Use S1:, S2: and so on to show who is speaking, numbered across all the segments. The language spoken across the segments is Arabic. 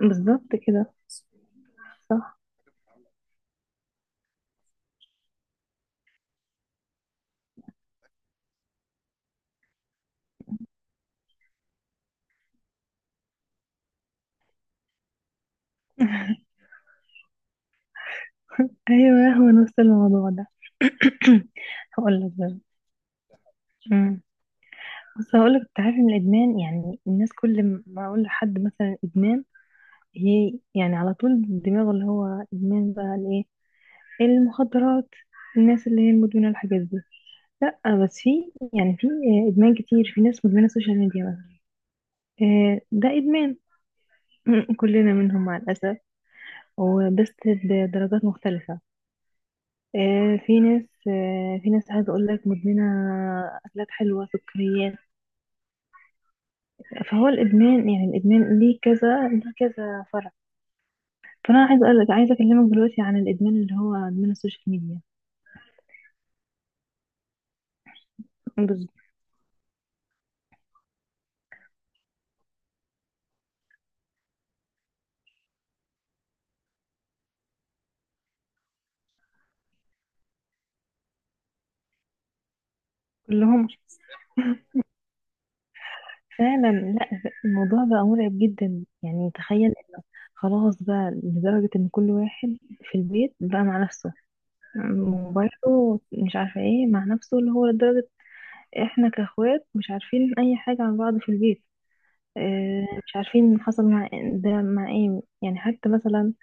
S1: بالظبط كده. صح. ايوه، هو نفس الموضوع ده. هقول لك بقى. أمم. بص، هقول لك، انت عارف ان الادمان، يعني الناس كل ما اقول لحد مثلا ادمان، هي يعني على طول دماغه اللي هو ادمان بقى الايه، المخدرات، الناس اللي هي مدمنه الحاجات دي. لا، بس في، يعني في ادمان كتير. في ناس مدمنه السوشيال ميديا مثلا. ده ادمان. كلنا منهم مع الاسف. وبس، بدرجات مختلفه. آه، في ناس في ناس عايزة أقول لك مدمنة أكلات حلوة، سكريات. فهو الإدمان، يعني الإدمان ليه كذا ليه كذا فرع. فأنا عايزة أقول لك عايزة أكلمك دلوقتي عن الإدمان اللي هو إدمان السوشيال ميديا. بس كلهم فعلا، لا، الموضوع بقى مرعب جدا، يعني تخيل. خلاص بقى، لدرجة إن كل واحد في البيت بقى مع نفسه، موبايله، مش عارفة إيه، مع نفسه اللي هو لدرجة إحنا كأخوات مش عارفين أي حاجة عن بعض في البيت. مش عارفين حصل مع ده مع ايه، يعني حتى مثلا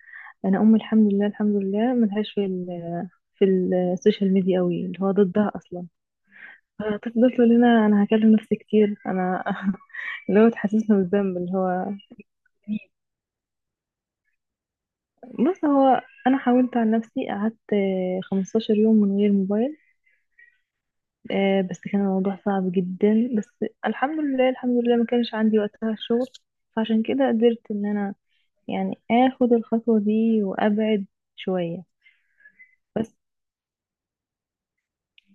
S1: انا امي، الحمد لله الحمد لله، ملهاش في السوشيال ميديا قوي، اللي هو ضدها اصلا. فتفضل تقول لنا انا هكلم نفسي كتير انا. اللي هو تحسسنا بالذنب اللي هو. بص، هو انا حاولت عن نفسي، قعدت 15 يوم من غير موبايل. بس كان الموضوع صعب جدا، بس الحمد لله الحمد لله ما كانش عندي وقتها الشغل، فعشان كده قدرت ان انا يعني اخد الخطوة دي وابعد شوية. بس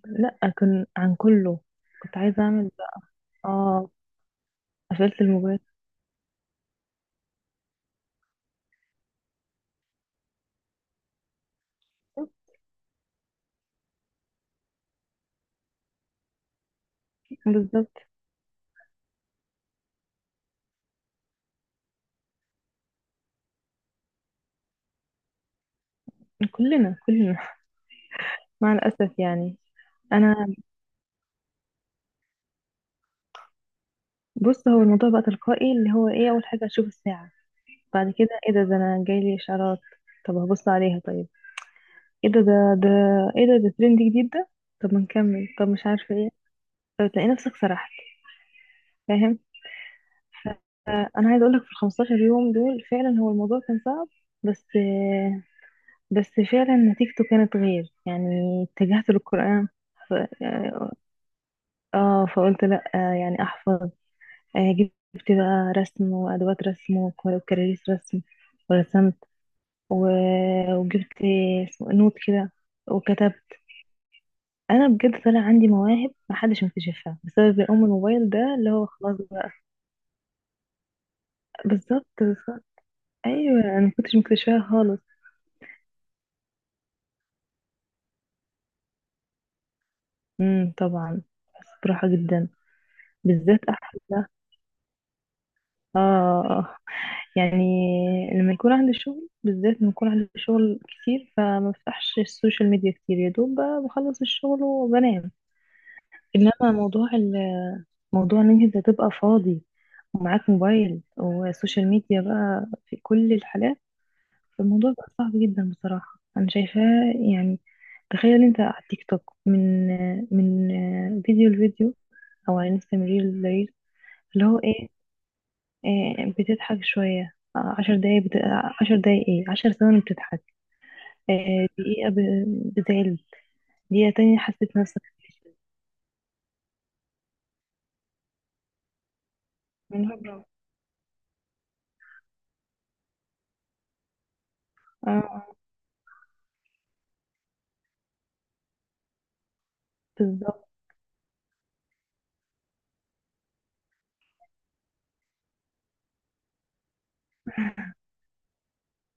S1: لا، كان عن كله، كنت عايزة اعمل ده. اه، قفلت الموبايل. بالظبط. كلنا كلنا. مع الاسف يعني. انا، بص، هو الموضوع بقى تلقائي، اللي هو ايه، اول حاجة اشوف الساعة، بعد كده ايه ده ده، انا جايلي اشعارات، طب هبص عليها، طيب، ايه ده ده ده ايه ده ده ترند جديد ده، طب ما نكمل، طب مش عارفة ايه، طب تلاقي نفسك سرحت، فاهم. انا عايزه اقول لك في ال 15 يوم دول فعلا، هو الموضوع كان صعب، بس بس فعلا نتيجته كانت غير يعني. اتجهت للقرآن، ف... اه آه، فقلت لا، يعني احفظ. جبت بقى رسم وادوات رسم وكراريس رسم ورسمت. و... وجبت اسمه- إيه، نوت كده وكتبت. انا بجد طلع عندي مواهب محدش مكتشفها بسبب ام الموبايل ده، اللي هو خلاص بقى. بالظبط بالظبط. ايوه انا مكنتش مكتشفاها خالص. طبعا. بس براحة جدا، بالذات احلى. اه. يعني لما يكون عندي شغل، بالذات لما يكون عندي شغل كتير، فما بفتحش السوشيال ميديا كتير، يا دوب بخلص الشغل وبنام. انما موضوع ان انت تبقى فاضي ومعاك موبايل وسوشيال ميديا، بقى في كل الحالات فالموضوع بقى صعب جدا بصراحة انا شايفاه يعني. تخيل انت على التيك توك، من فيديو لفيديو، او على انستغرام ريل لريل، اللي هو ايه، بتضحك شوية، آه، عشر دقايق بت... آه، عشر دقايق، ايه، عشر ثواني بتضحك، دقيقة بتعلم، دقيقة تانية حسيت نفسك من هبرة. اه. بالظبط.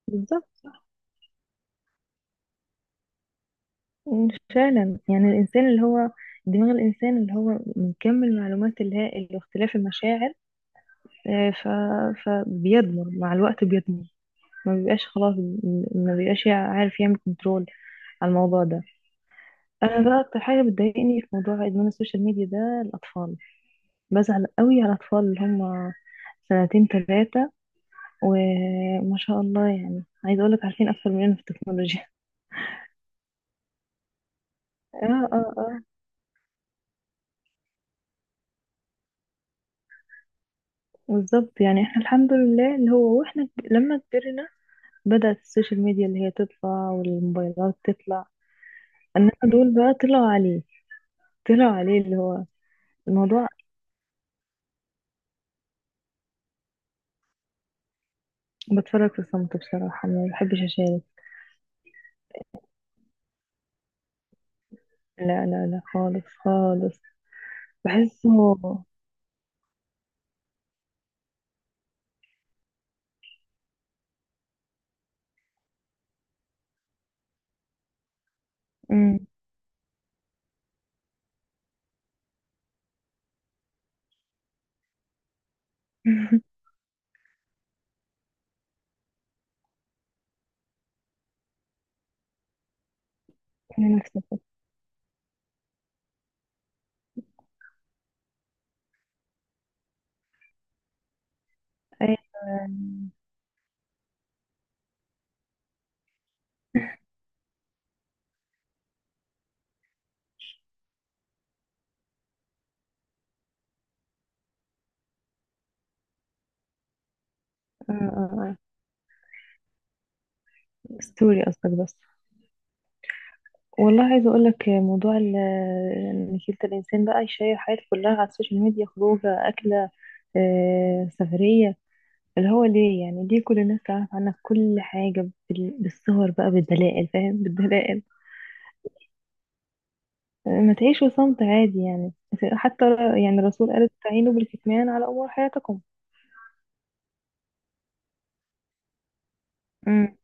S1: بالظبط صح. فعلا يعني الإنسان اللي هو دماغ الإنسان اللي هو من كم المعلومات الهائل واختلاف المشاعر، آه، ف... فبيدمر مع الوقت، بيدمر. ما بيبقاش خلاص، ما بيبقاش عارف يعمل كنترول على الموضوع ده. انا بقى اكتر حاجه بتضايقني في موضوع ادمان السوشيال ميديا ده الاطفال. بزعل قوي على الأطفال اللي هم سنتين تلاتة وما شاء الله، يعني عايزة أقولك عارفين أكتر مننا في التكنولوجيا. اه اه اه. بالظبط، يعني احنا الحمد لله، اللي هو واحنا لما كبرنا، بدأت السوشيال ميديا اللي هي تطلع والموبايلات تطلع، انما دول بقى طلعوا عليه، طلعوا عليه اللي هو الموضوع. بتفرج في صمت بصراحة، ما بحبش أشارك. لا لا لا خالص خالص، بحسه. أمم. أنا نفسي. أيوة. آه، آه، آه. ستوري قصدك، بس. والله عايزه اقول لك ان كلتا الانسان بقى يشير حياته كلها على السوشيال ميديا، خروجه، اكله، سفريه، اللي هو ليه، يعني ليه كل الناس تعرف عنك كل حاجه، بالصور بقى، بالدلائل، فاهم. بالدلائل. ما تعيشوا صمت عادي، يعني حتى يعني الرسول قال استعينوا بالكتمان على امور حياتكم. مم.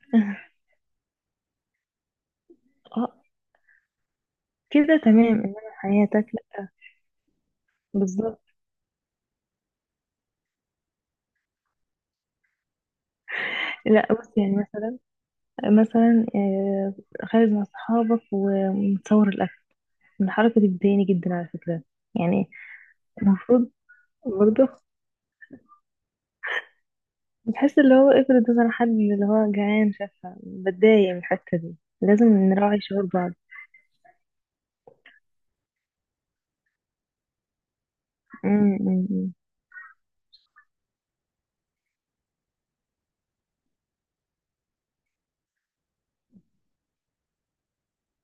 S1: اه. كده تمام، انما حياتك لا. بالظبط. لا، بص، يعني مثلا خارج مع صحابك ومتصور الأكل، من الحركة دي بتضايقني جدا على فكرة، يعني المفروض برضه بتحس اللي هو، افرض مثلا حد اللي هو جعان شافها، بتضايق من الحتة دي، لازم نراعي شعور بعض. أمم، أمم، أمم.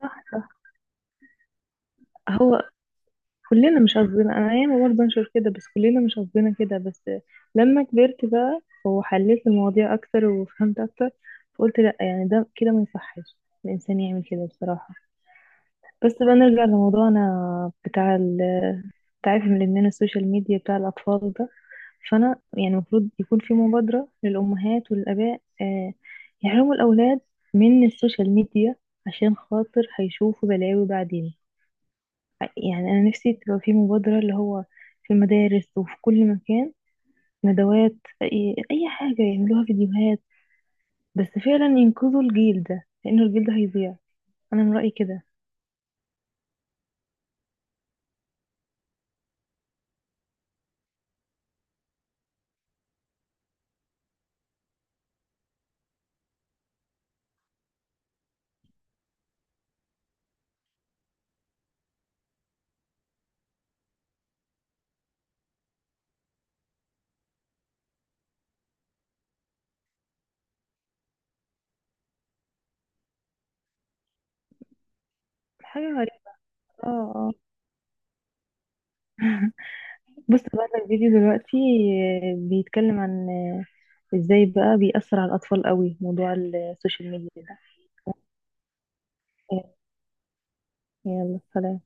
S1: صح صح. هو كلنا مش قصدنا، أنا أيام برضه أنشر كده، بس كلنا مش قصدنا كده. بس لما كبرت بقى وحليت المواضيع أكتر وفهمت أكتر، فقلت لأ، يعني ده كده ما يصحش الإنسان يعمل كده بصراحة. بس بقى نرجع لموضوعنا تعافي من الإدمان السوشيال ميديا بتاع الأطفال ده. فأنا يعني المفروض يكون في مبادرة للأمهات والآباء، يحرموا الأولاد من السوشيال ميديا، عشان خاطر هيشوفوا بلاوي بعدين. يعني أنا نفسي تبقى في مبادرة اللي هو في المدارس وفي كل مكان، ندوات، أي حاجة يعملوها فيديوهات، بس فعلا ينقذوا الجيل ده لأنه الجيل ده هيضيع. أنا من رأيي كده. حاجة غريبة. اه. آه. بص بقى لك فيديو دلوقتي، بيتكلم عن، ازاي بقى بيأثر على الأطفال قوي موضوع السوشيال ميديا ده. آه، يلا سلام.